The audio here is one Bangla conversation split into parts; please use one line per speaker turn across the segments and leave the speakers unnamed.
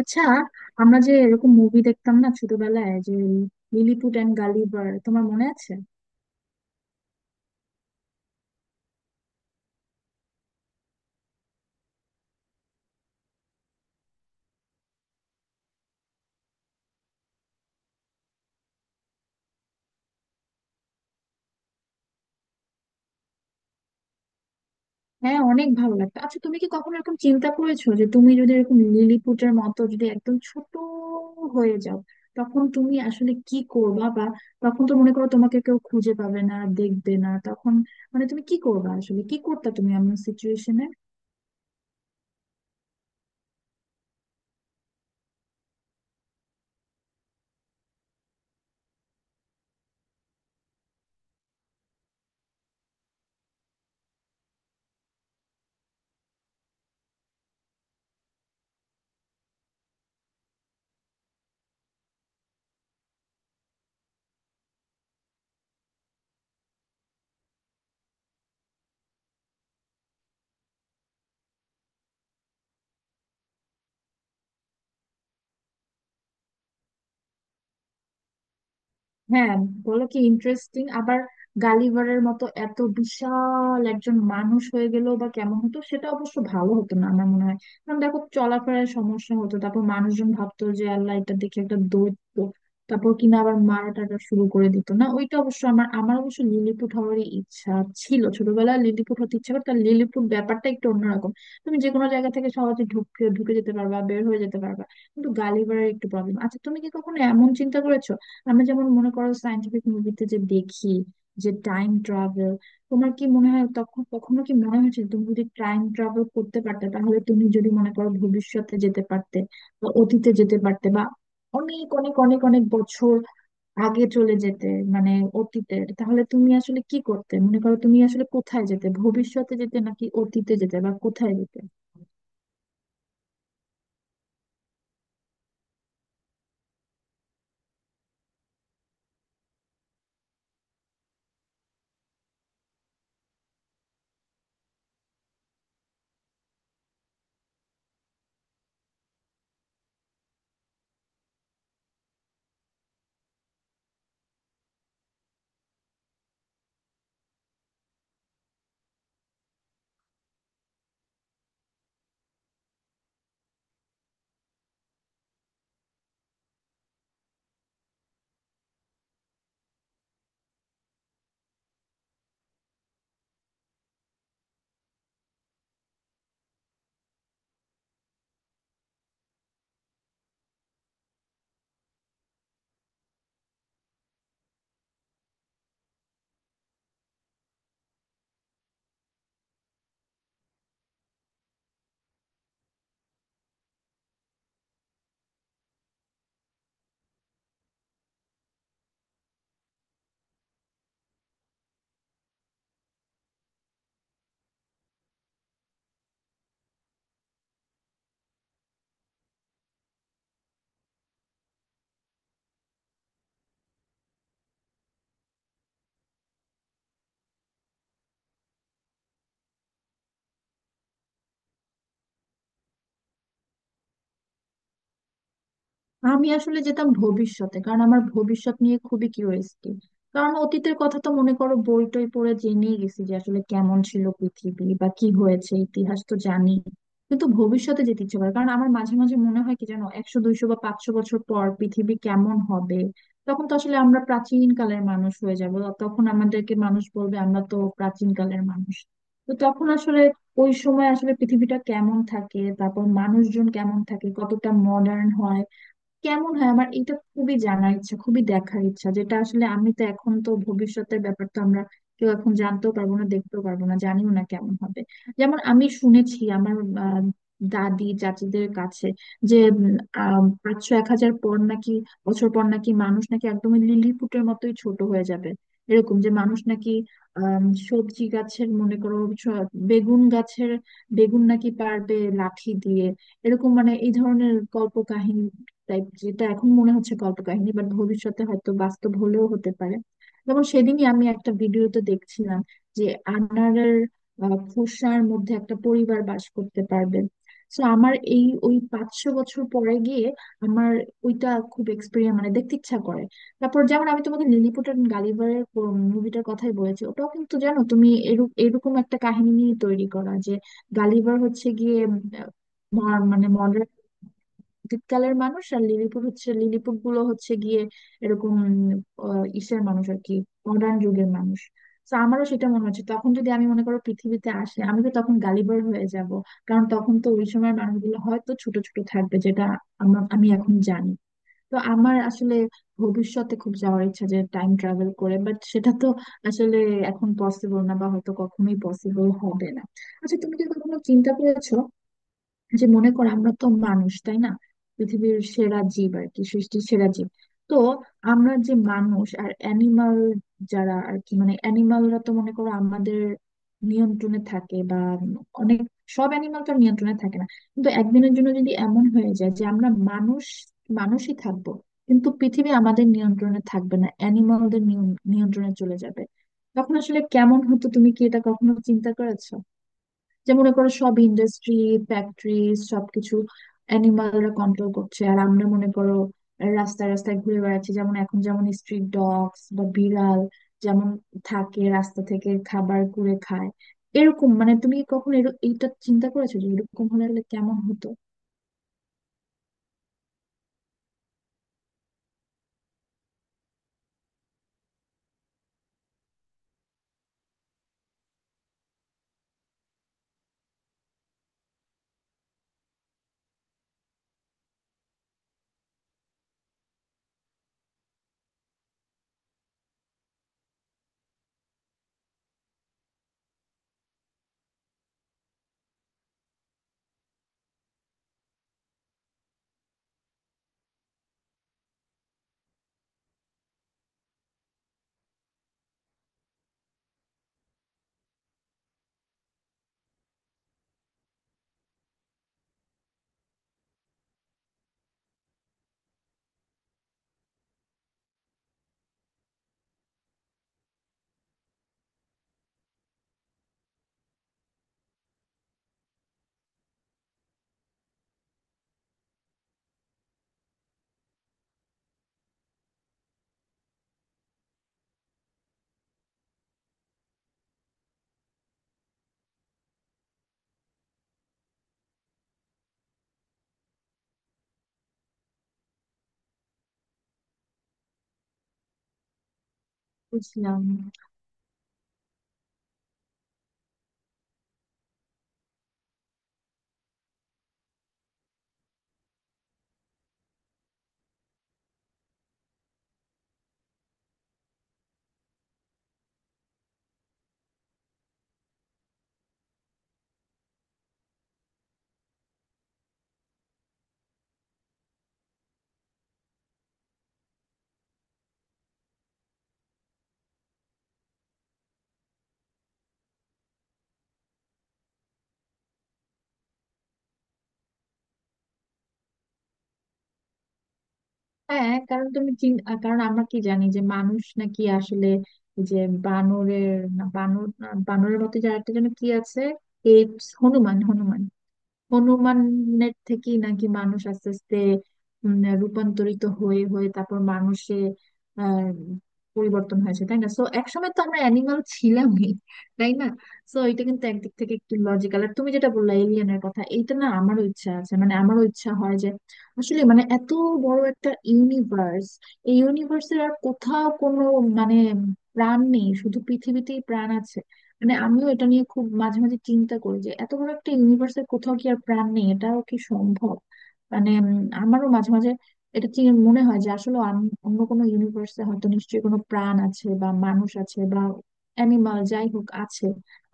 আচ্ছা, আমরা যে এরকম মুভি দেখতাম না ছোটবেলায়, যে লিলিপুট এন্ড গালিভার, তোমার মনে আছে? হ্যাঁ, অনেক ভালো লাগতো। আচ্ছা, তুমি কি কখনো এরকম চিন্তা করেছো যে তুমি যদি এরকম লিলিপুটের মতো যদি একদম ছোট হয়ে যাও, তখন তুমি আসলে কি করবা? বা তখন তো মনে করো তোমাকে কেউ খুঁজে পাবে না, দেখবে না, তখন মানে তুমি কি করবা আসলে? কি করতে তুমি এমন সিচুয়েশনে? হ্যাঁ, বলো। কি ইন্টারেস্টিং আবার গালিভারের মতো এত বিশাল একজন মানুষ হয়ে গেল বা কেমন হতো? সেটা অবশ্য ভালো হতো না আমার মনে হয়, কারণ দেখো চলাফেরায় সমস্যা হতো, তারপর মানুষজন ভাবতো যে আল্লাহ, এটা দেখে একটা দৈত্য, তারপর কিনা আবার মারা টারা শুরু করে দিত না। ওইটা অবশ্য আমার আমার অবশ্য লিলিপুট হওয়ারই ইচ্ছা ছিল ছোটবেলায়, লিলিপুট হতে ইচ্ছা করতো। আর লিলিপুট ব্যাপারটা একটু অন্যরকম, তুমি যে কোনো জায়গা থেকে সহজে ঢুকে ঢুকে যেতে পারবা, বের হয়ে যেতে পারবা, কিন্তু গালিভারের একটু প্রবলেম। আচ্ছা, তুমি কি কখনো এমন চিন্তা করেছো, আমরা যেমন মনে করো সায়েন্টিফিক মুভিতে যে দেখি যে টাইম ট্রাভেল, তোমার কি মনে হয়, তখন কখনো কি মনে হয়েছে তুমি যদি টাইম ট্রাভেল করতে পারতে, তাহলে তুমি যদি মনে করো ভবিষ্যতে যেতে পারতে বা অতীতে যেতে পারতে, বা অনেক অনেক অনেক অনেক বছর আগে চলে যেতে মানে অতীতে, তাহলে তুমি আসলে কি করতে? মনে করো, তুমি আসলে কোথায় যেতে? ভবিষ্যতে যেতে নাকি অতীতে যেতে, বা কোথায় যেতে? আমি আসলে যেতাম ভবিষ্যতে, কারণ আমার ভবিষ্যৎ নিয়ে খুবই কিউরিয়াসিটি। কারণ অতীতের কথা তো মনে করো বই টই পড়ে জেনেই গেছি যে আসলে কেমন ছিল পৃথিবী বা কি হয়েছে, ইতিহাস তো জানি। কিন্তু ভবিষ্যতে যেতে ইচ্ছে করে, কারণ আমার মাঝে মাঝে মনে হয় কি জানো, 100 200 বা 500 বছর পর পৃথিবী কেমন হবে। তখন তো আসলে আমরা প্রাচীন কালের মানুষ হয়ে যাব, তখন আমাদেরকে মানুষ বলবে আমরা তো প্রাচীন কালের মানুষ। তো তখন আসলে ওই সময় আসলে পৃথিবীটা কেমন থাকে, তারপর মানুষজন কেমন থাকে, কতটা মডার্ন হয়, কেমন হয়, আমার এটা খুবই জানার ইচ্ছা, খুবই দেখার ইচ্ছা। যেটা আসলে আমি তো এখন তো ভবিষ্যতের ব্যাপার তো আমরা কেউ এখন জানতেও পারবো না, দেখতেও পারবো না, জানিও না কেমন হবে। যেমন আমি শুনেছি আমার আহ, দাদি চাচিদের কাছে যে 500 1000 পর নাকি বছর পর নাকি মানুষ নাকি একদমই লিলিপুটের মতোই ছোট হয়ে যাবে, এরকম যে মানুষ নাকি আম, সবজি গাছের মনে করো বেগুন গাছের বেগুন নাকি পারবে লাঠি দিয়ে, এরকম মানে এই ধরনের গল্প। তাই, যেটা এখন মনে হচ্ছে কল্প কাহিনী, বাট ভবিষ্যতে হয়তো বাস্তব হলেও হতে পারে। যেমন সেদিনই আমি একটা ভিডিওতে দেখছিলাম যে আনারের খোসার মধ্যে একটা পরিবার বাস করতে পারবে। তো আমার এই ওই 500 বছর পরে গিয়ে আমার ওইটা খুব এক্সপিরিয়েন্স মানে দেখতে ইচ্ছা করে। তারপর যেমন আমি তোমাকে লিলিপুট এন্ড গালিভারের মুভিটার কথাই বলেছি, ওটাও কিন্তু জানো তুমি এরকম এরকম একটা কাহিনী নিয়ে তৈরি করা, যে গালিভার হচ্ছে গিয়ে আহ, মানে মডার্ন দ্বীপকালের মানুষ, আর লিলিপুট হচ্ছে, লিলিপুট গুলো হচ্ছে গিয়ে এরকম ইসের মানুষ আর কি, মডার্ন যুগের মানুষ। তো আমারও সেটা মনে হচ্ছে, তখন যদি আমি মনে করো পৃথিবীতে আসে আমি তো তখন গালিবার হয়ে যাব, কারণ তখন তো ওই সময় মানুষগুলো হয়তো ছোট ছোট থাকবে, যেটা আমি এখন জানি। তো আমার আসলে ভবিষ্যতে খুব যাওয়ার ইচ্ছা, যে টাইম ট্রাভেল করে, বাট সেটা তো আসলে এখন পসিবল না, বা হয়তো কখনোই পসিবল হবে না। আচ্ছা, তুমি কি কখনো চিন্তা করেছো যে মনে কর আমরা তো মানুষ, তাই না? পৃথিবীর সেরা জীব আর কি, সৃষ্টির সেরা জীব। তো আমরা যে মানুষ আর অ্যানিমাল যারা আর কি, মানে অ্যানিমালরা তো মনে করো আমাদের নিয়ন্ত্রণে থাকে বা অনেক, সব অ্যানিমাল তো আর নিয়ন্ত্রণে থাকে না। কিন্তু একদিনের জন্য যদি এমন হয়ে যায় যে আমরা মানুষ, মানুষই থাকবো, কিন্তু পৃথিবী আমাদের নিয়ন্ত্রণে থাকবে না, অ্যানিমালদের নিয়ন্ত্রণে চলে যাবে, তখন আসলে কেমন হতো? তুমি কি এটা কখনো চিন্তা করেছো যে মনে করো সব ইন্ডাস্ট্রি, ফ্যাক্টরি, সবকিছু অ্যানিমালরা কন্ট্রোল করছে, আর আমরা মনে করো রাস্তায় রাস্তায় ঘুরে বেড়াচ্ছি, যেমন এখন যেমন স্ট্রিট ডগস বা বিড়াল যেমন থাকে, রাস্তা থেকে খাবার কুড়ে খায়, এরকম। মানে তুমি কি কখনো এইটা চিন্তা করেছো, যে এরকম হলে হলে কেমন হতো? বুঝলাম। হ্যাঁ, কারণ তুমি কারণ আমরা কি জানি যে মানুষ নাকি আসলে এই যে বানরের না, বানর না, বানরের মতো যার একটা যেন কি আছে, এই হনুমান, হনুমান, হনুমানের থেকেই নাকি মানুষ আস্তে আস্তে রূপান্তরিত হয়ে হয়ে তারপর মানুষে আহ, পরিবর্তন হয়েছে, তাই না? সো একসময় তো আমরা অ্যানিমাল ছিলামই, তাই না? সো এটা কিন্তু একদিক থেকে একটু লজিক্যাল। আর তুমি যেটা বললা এলিয়েনের কথা, এইটা না আমারও ইচ্ছা আছে, মানে আমারও ইচ্ছা হয় যে আসলে মানে এত বড় একটা ইউনিভার্স, এই ইউনিভার্সের আর কোথাও কোনো মানে প্রাণ নেই, শুধু পৃথিবীতেই প্রাণ আছে? মানে আমিও এটা নিয়ে খুব মাঝে মাঝে চিন্তা করি যে এত বড় একটা ইউনিভার্সের কোথাও কি আর প্রাণ নেই, এটাও কি সম্ভব? মানে আমারও মাঝে মাঝে এটা মনে হয় যে আসলে অন্য কোনো ইউনিভার্সে হয়তো নিশ্চয়ই কোনো প্রাণ আছে, বা মানুষ আছে বা অ্যানিমাল যাই হোক আছে।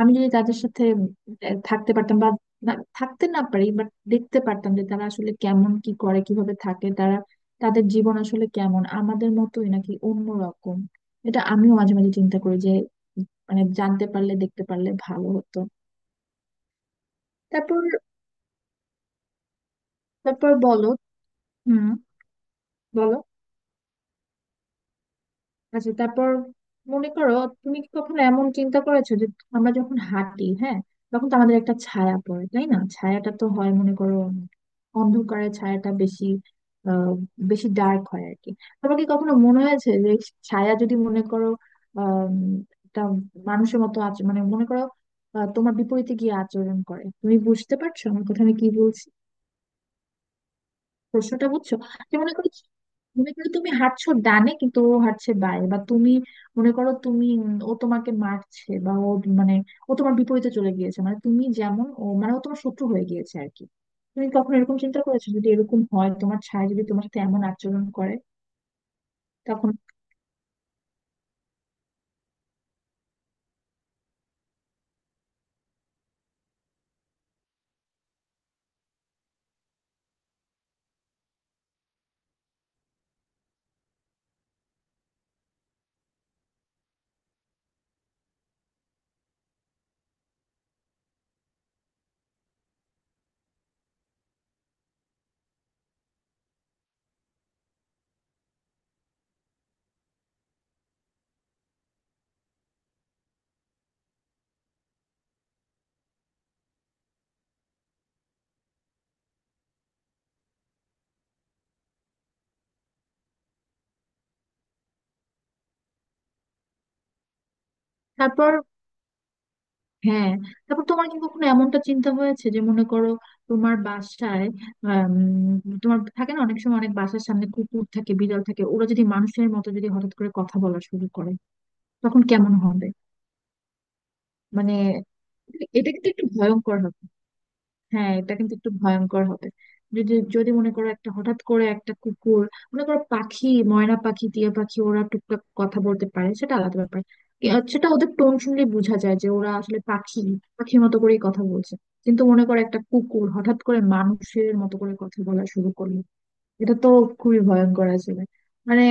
আমি যদি তাদের সাথে থাকতে পারতাম বা থাকতে না পারি বাট দেখতে পারতাম যে তারা আসলে কেমন, কি করে, কিভাবে থাকে তারা, তাদের জীবন আসলে কেমন, আমাদের মতোই নাকি অন্যরকম। এটা আমিও মাঝে মাঝে চিন্তা করি যে মানে জানতে পারলে, দেখতে পারলে ভালো হতো। তারপর, বলো। হুম, বলো। আচ্ছা, তারপর মনে করো, তুমি কি কখনো এমন চিন্তা করেছো যে আমরা যখন হাঁটি, হ্যাঁ, তখন তো আমাদের একটা ছায়া পড়ে, তাই না? ছায়াটা তো হয়, মনে করো অন্ধকারে ছায়াটা বেশি আহ বেশি ডার্ক হয় আর কি। তোমার কি কখনো মনে হয়েছে যে ছায়া যদি মনে করো আহ একটা মানুষের মতো আচরণ, মানে মনে করো তোমার বিপরীতে গিয়ে আচরণ করে? তুমি বুঝতে পারছো আমার কথা আমি কি বলছি? প্রশ্নটা বুঝছো? যে মনে করো, তুমি হাঁটছো ডানে কিন্তু ও হাঁটছে বাঁয়ে, বা তুমি মনে করো, তুমি ও তোমাকে মারছে বা ও মানে ও তোমার বিপরীতে চলে গিয়েছে, মানে তুমি যেমন ও মানে ও তোমার শত্রু হয়ে গিয়েছে আর কি। তুমি কখনো এরকম চিন্তা করেছো, যদি এরকম হয় তোমার ছায়া যদি তোমার সাথে এমন আচরণ করে তখন? তারপর। হ্যাঁ, তারপর তোমার কি কখনো এমনটা চিন্তা হয়েছে যে মনে করো তোমার বাসায় আম, তোমার থাকে না অনেক সময় অনেক বাসার সামনে কুকুর থাকে, বিড়াল থাকে, ওরা যদি মানুষের মতো যদি হঠাৎ করে কথা বলা শুরু করে, তখন কেমন হবে? মানে এটা কিন্তু একটু ভয়ঙ্কর হবে। হ্যাঁ, এটা কিন্তু একটু ভয়ঙ্কর হবে। যদি, যদি মনে করো একটা হঠাৎ করে একটা কুকুর, মনে করো পাখি, ময়না পাখি, টিয়া পাখি, ওরা টুকটাক কথা বলতে পারে, সেটা আলাদা ব্যাপার। এ, আর সেটা ওদের টোন শুনলে বোঝা যায় যে ওরা আসলে পাখি, পাখির মতো করেই কথা বলছে। কিন্তু মনে করো একটা কুকুর হঠাৎ করে মানুষের মতো করে কথা বলা শুরু করলো, এটা তো খুবই ভয়ঙ্কর আসলে। মানে